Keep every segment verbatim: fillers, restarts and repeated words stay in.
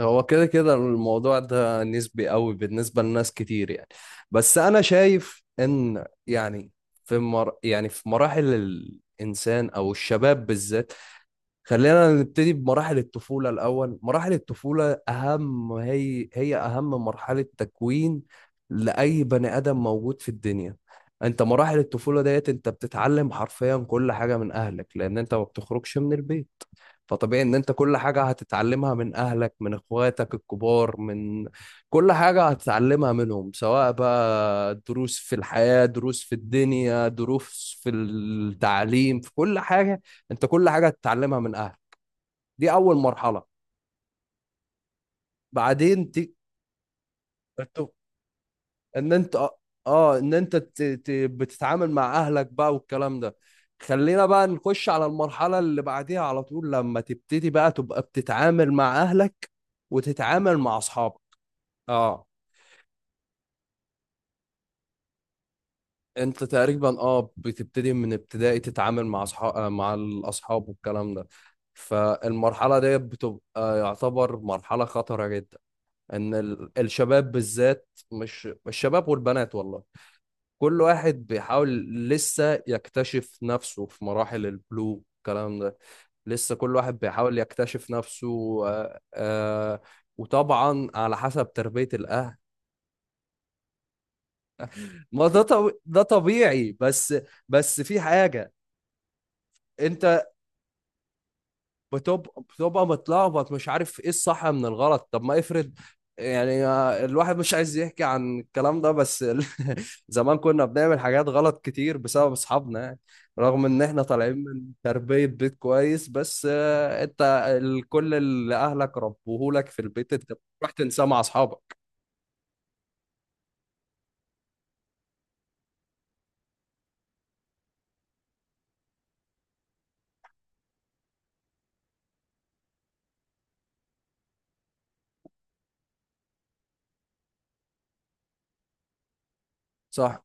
هو كده كده الموضوع ده نسبي قوي بالنسبة لناس كتير يعني. بس أنا شايف إن يعني في مر... يعني في مراحل الإنسان أو الشباب بالذات. خلينا نبتدي بمراحل الطفولة الأول. مراحل الطفولة أهم، هي هي أهم مرحلة تكوين لأي بني آدم موجود في الدنيا. أنت مراحل الطفولة ديت أنت بتتعلم حرفيا كل حاجة من أهلك، لأن أنت ما بتخرجش من البيت. فطبيعي ان انت كل حاجة هتتعلمها من اهلك، من اخواتك الكبار، من كل حاجة هتتعلمها منهم، سواء بقى دروس في الحياة، دروس في الدنيا، دروس في التعليم، في كل حاجة. انت كل حاجة هتتعلمها من اهلك. دي اول مرحلة. بعدين ت... ان انت اه آه، ان انت ت- ت- بتتعامل مع اهلك بقى والكلام ده. خلينا بقى نخش على المرحلة اللي بعديها على طول. لما تبتدي بقى تبقى بتتعامل مع اهلك وتتعامل مع اصحابك. اه، انت تقريبا اه بتبتدي من ابتدائي تتعامل مع اصحاب مع الاصحاب والكلام ده. فالمرحلة دي بتبقى يعتبر مرحلة خطرة جدا. ان ال- الشباب بالذات، مش الشباب والبنات والله. كل واحد بيحاول لسه يكتشف نفسه في مراحل البلوغ الكلام ده. لسه كل واحد بيحاول يكتشف نفسه. آه، آه، وطبعا على حسب تربية الأهل. ما ده طب... ده طبيعي. بس بس في حاجة. انت بتبقى بتبقى متلخبط، مش عارف ايه الصح من الغلط. طب ما افرض يعني. الواحد مش عايز يحكي عن الكلام ده، بس ال- زمان كنا بنعمل حاجات غلط كتير بسبب اصحابنا يعني، رغم ان احنا طالعين من تربية بيت كويس. بس آه، انت ال- كل اللي اهلك ربوهولك في البيت انت بتروح تنساه مع اصحابك. صح.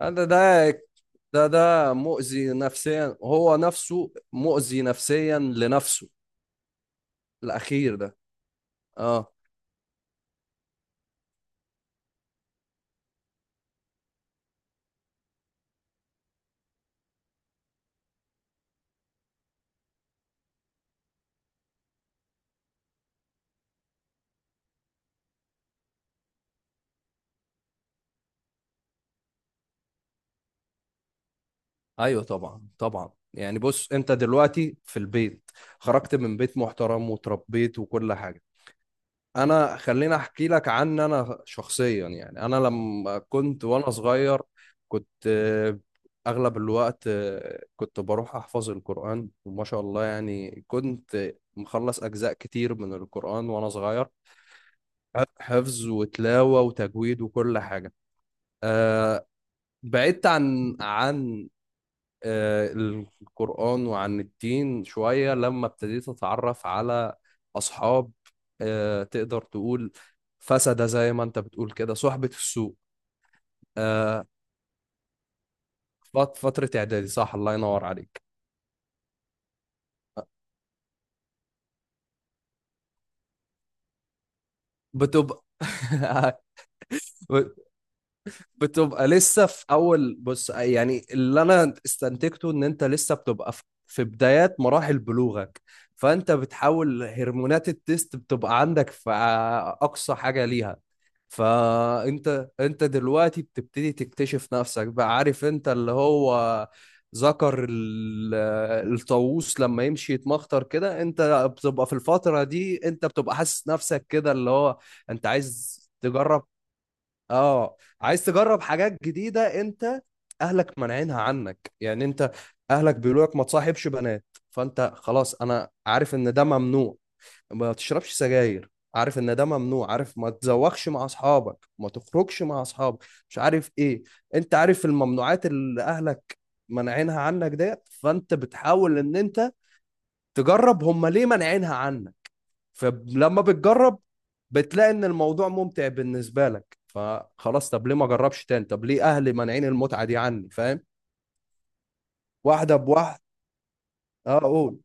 ده ده ده ده مؤذي نفسيا، هو نفسه مؤذي نفسيا لنفسه، الاخير ده. اه. ايوه، طبعا طبعا. يعني بص، انت دلوقتي في البيت، خرجت من بيت محترم وتربيت وكل حاجه. انا خليني احكي لك عن انا شخصيا. يعني انا لما كنت وانا صغير كنت آه، اغلب الوقت آه، كنت بروح احفظ القران، وما شاء الله يعني كنت مخلص اجزاء كتير من القران وانا صغير. حفظ وتلاوه وتجويد وكل حاجه. آه، بعدت عن عن آه، القرآن وعن الدين شوية لما ابتديت أتعرف على أصحاب آه، تقدر تقول فسدة، زي ما أنت بتقول كده، صحبة السوء. آه، فت- فترة إعدادي، صح. الله ينور عليك. بتبقى بتبقى لسه في اول. بص يعني، اللي انا استنتجته ان انت لسه بتبقى في في بدايات مراحل بلوغك. فانت بتحاول، هرمونات التست بتبقى عندك في اقصى حاجة ليها. فانت انت دلوقتي بتبتدي تكتشف نفسك بقى. عارف انت اللي هو ذكر ال- الطاووس لما يمشي يتمخطر كده، انت بتبقى في الفترة دي انت بتبقى حاسس نفسك كده، اللي هو انت عايز تجرب. اه، عايز تجرب حاجات جديدة. انت اهلك مانعينها عنك يعني. انت اهلك بيقولوا لك ما تصاحبش بنات، فانت خلاص انا عارف ان ده ممنوع. ما تشربش سجاير، عارف ان ده ممنوع. عارف، ما تزوخش مع اصحابك، ما تخرجش مع اصحابك، مش عارف ايه. انت عارف الممنوعات اللي اهلك مانعينها عنك ديت. فانت بتحاول ان انت تجرب، هم ليه مانعينها عنك. فلما بتجرب بتلاقي ان الموضوع ممتع بالنسبه لك. فخلاص، طب ليه ما اجربش تاني؟ طب ليه اهلي مانعين المتعه دي عني؟ فاهم؟ واحده بواحده. اه قول.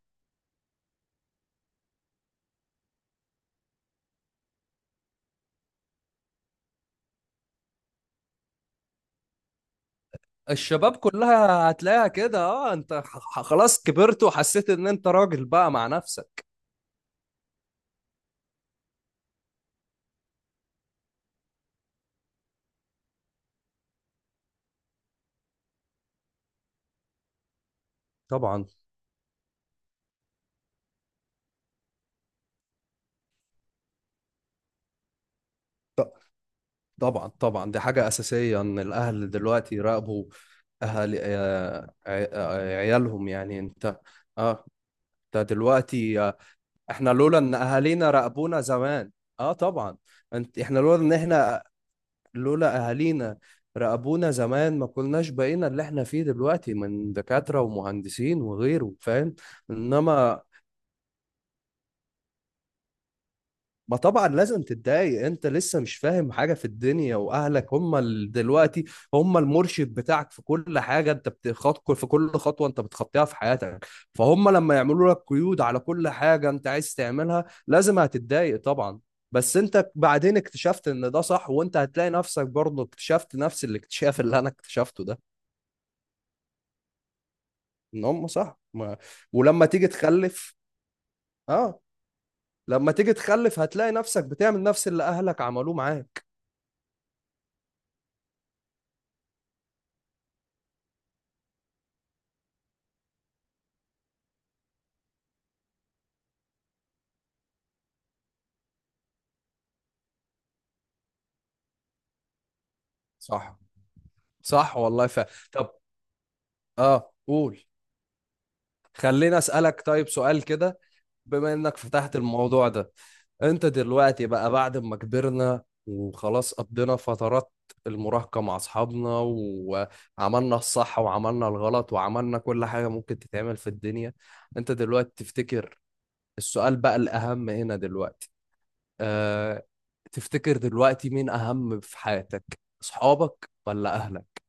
الشباب كلها هتلاقيها كده. اه، انت ح- خلاص كبرت وحسيت ان انت راجل بقى مع نفسك. طبعا. ط- طبعا طبعا، دي حاجة أساسية، إن الأهل دلوقتي يراقبوا أهل آه، ع- آه، عيالهم. يعني أنت، أه، أنت دلوقتي، احنا لولا ان اهالينا راقبونا زمان. اه طبعا. انت احنا لولا ان احنا لولا اهالينا راقبونا زمان ما كناش بقينا اللي احنا فيه دلوقتي من دكاترة ومهندسين وغيره. فاهم؟ انما، ما طبعا لازم تتضايق، انت لسه مش فاهم حاجة في الدنيا، واهلك هم ال- دلوقتي هم المرشد بتاعك في كل حاجة. انت بتخط في كل خطوة انت بتخطيها في حياتك. فهم لما يعملوا لك قيود على كل حاجة انت عايز تعملها، لازم هتتضايق طبعا. بس انت بعدين اكتشفت ان ده صح. وانت هتلاقي نفسك برضه اكتشفت نفس الاكتشاف اللي انا اكتشفته ده، ان هم صح. ما... ولما تيجي تخلف. اه، لما تيجي تخلف هتلاقي نفسك بتعمل نفس اللي اهلك عملوه معاك. صح، صح والله. ف طب، اه قول. خليني اسالك طيب سؤال كده، بما انك فتحت الموضوع ده. انت دلوقتي بقى، بعد ما كبرنا وخلاص قضينا فترات المراهقة مع اصحابنا، وعملنا الصح وعملنا الغلط وعملنا كل حاجة ممكن تتعمل في الدنيا، انت دلوقتي تفتكر، السؤال بقى الاهم هنا دلوقتي، أه... تفتكر دلوقتي مين اهم في حياتك، اصحابك ولا اهلك؟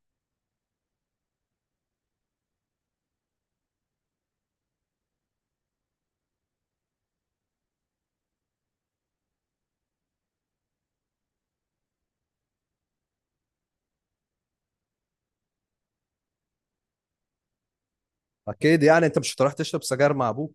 اكيد يعني انت مش هتروح تشرب سجاير مع ابوك.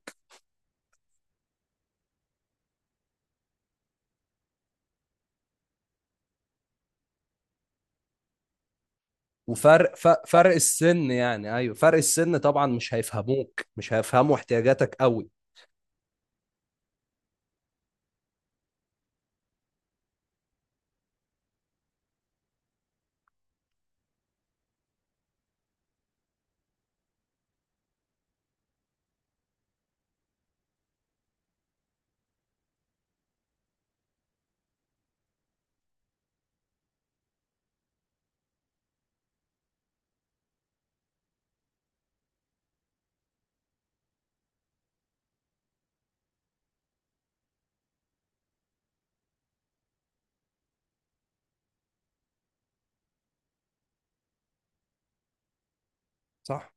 وفرق ف- فرق السن يعني، ايوه فرق السن طبعا مش هيفهموك، مش هيفهموا احتياجاتك قوي. صح.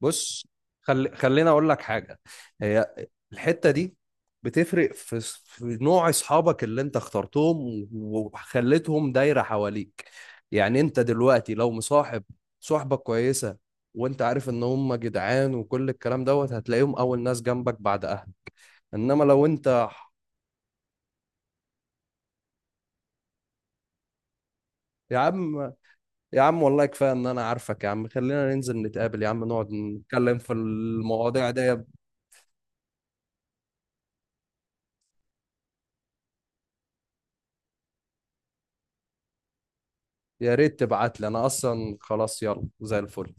بص، خل... خليني اقول لك حاجه. هي الحته دي بتفرق في، في نوع اصحابك اللي انت اخترتهم وخليتهم دايره حواليك. يعني انت دلوقتي لو مصاحب صحبه كويسه، وانت عارف ان هم جدعان وكل الكلام دوت، هتلاقيهم اول ناس جنبك بعد اهلك. انما لو انت، يا عم، يا عم والله كفاية إن أنا عارفك. يا عم خلينا ننزل نتقابل، يا عم نقعد نتكلم في المواضيع دي. يا ريت تبعت لي، أنا أصلا خلاص، يلا زي الفل.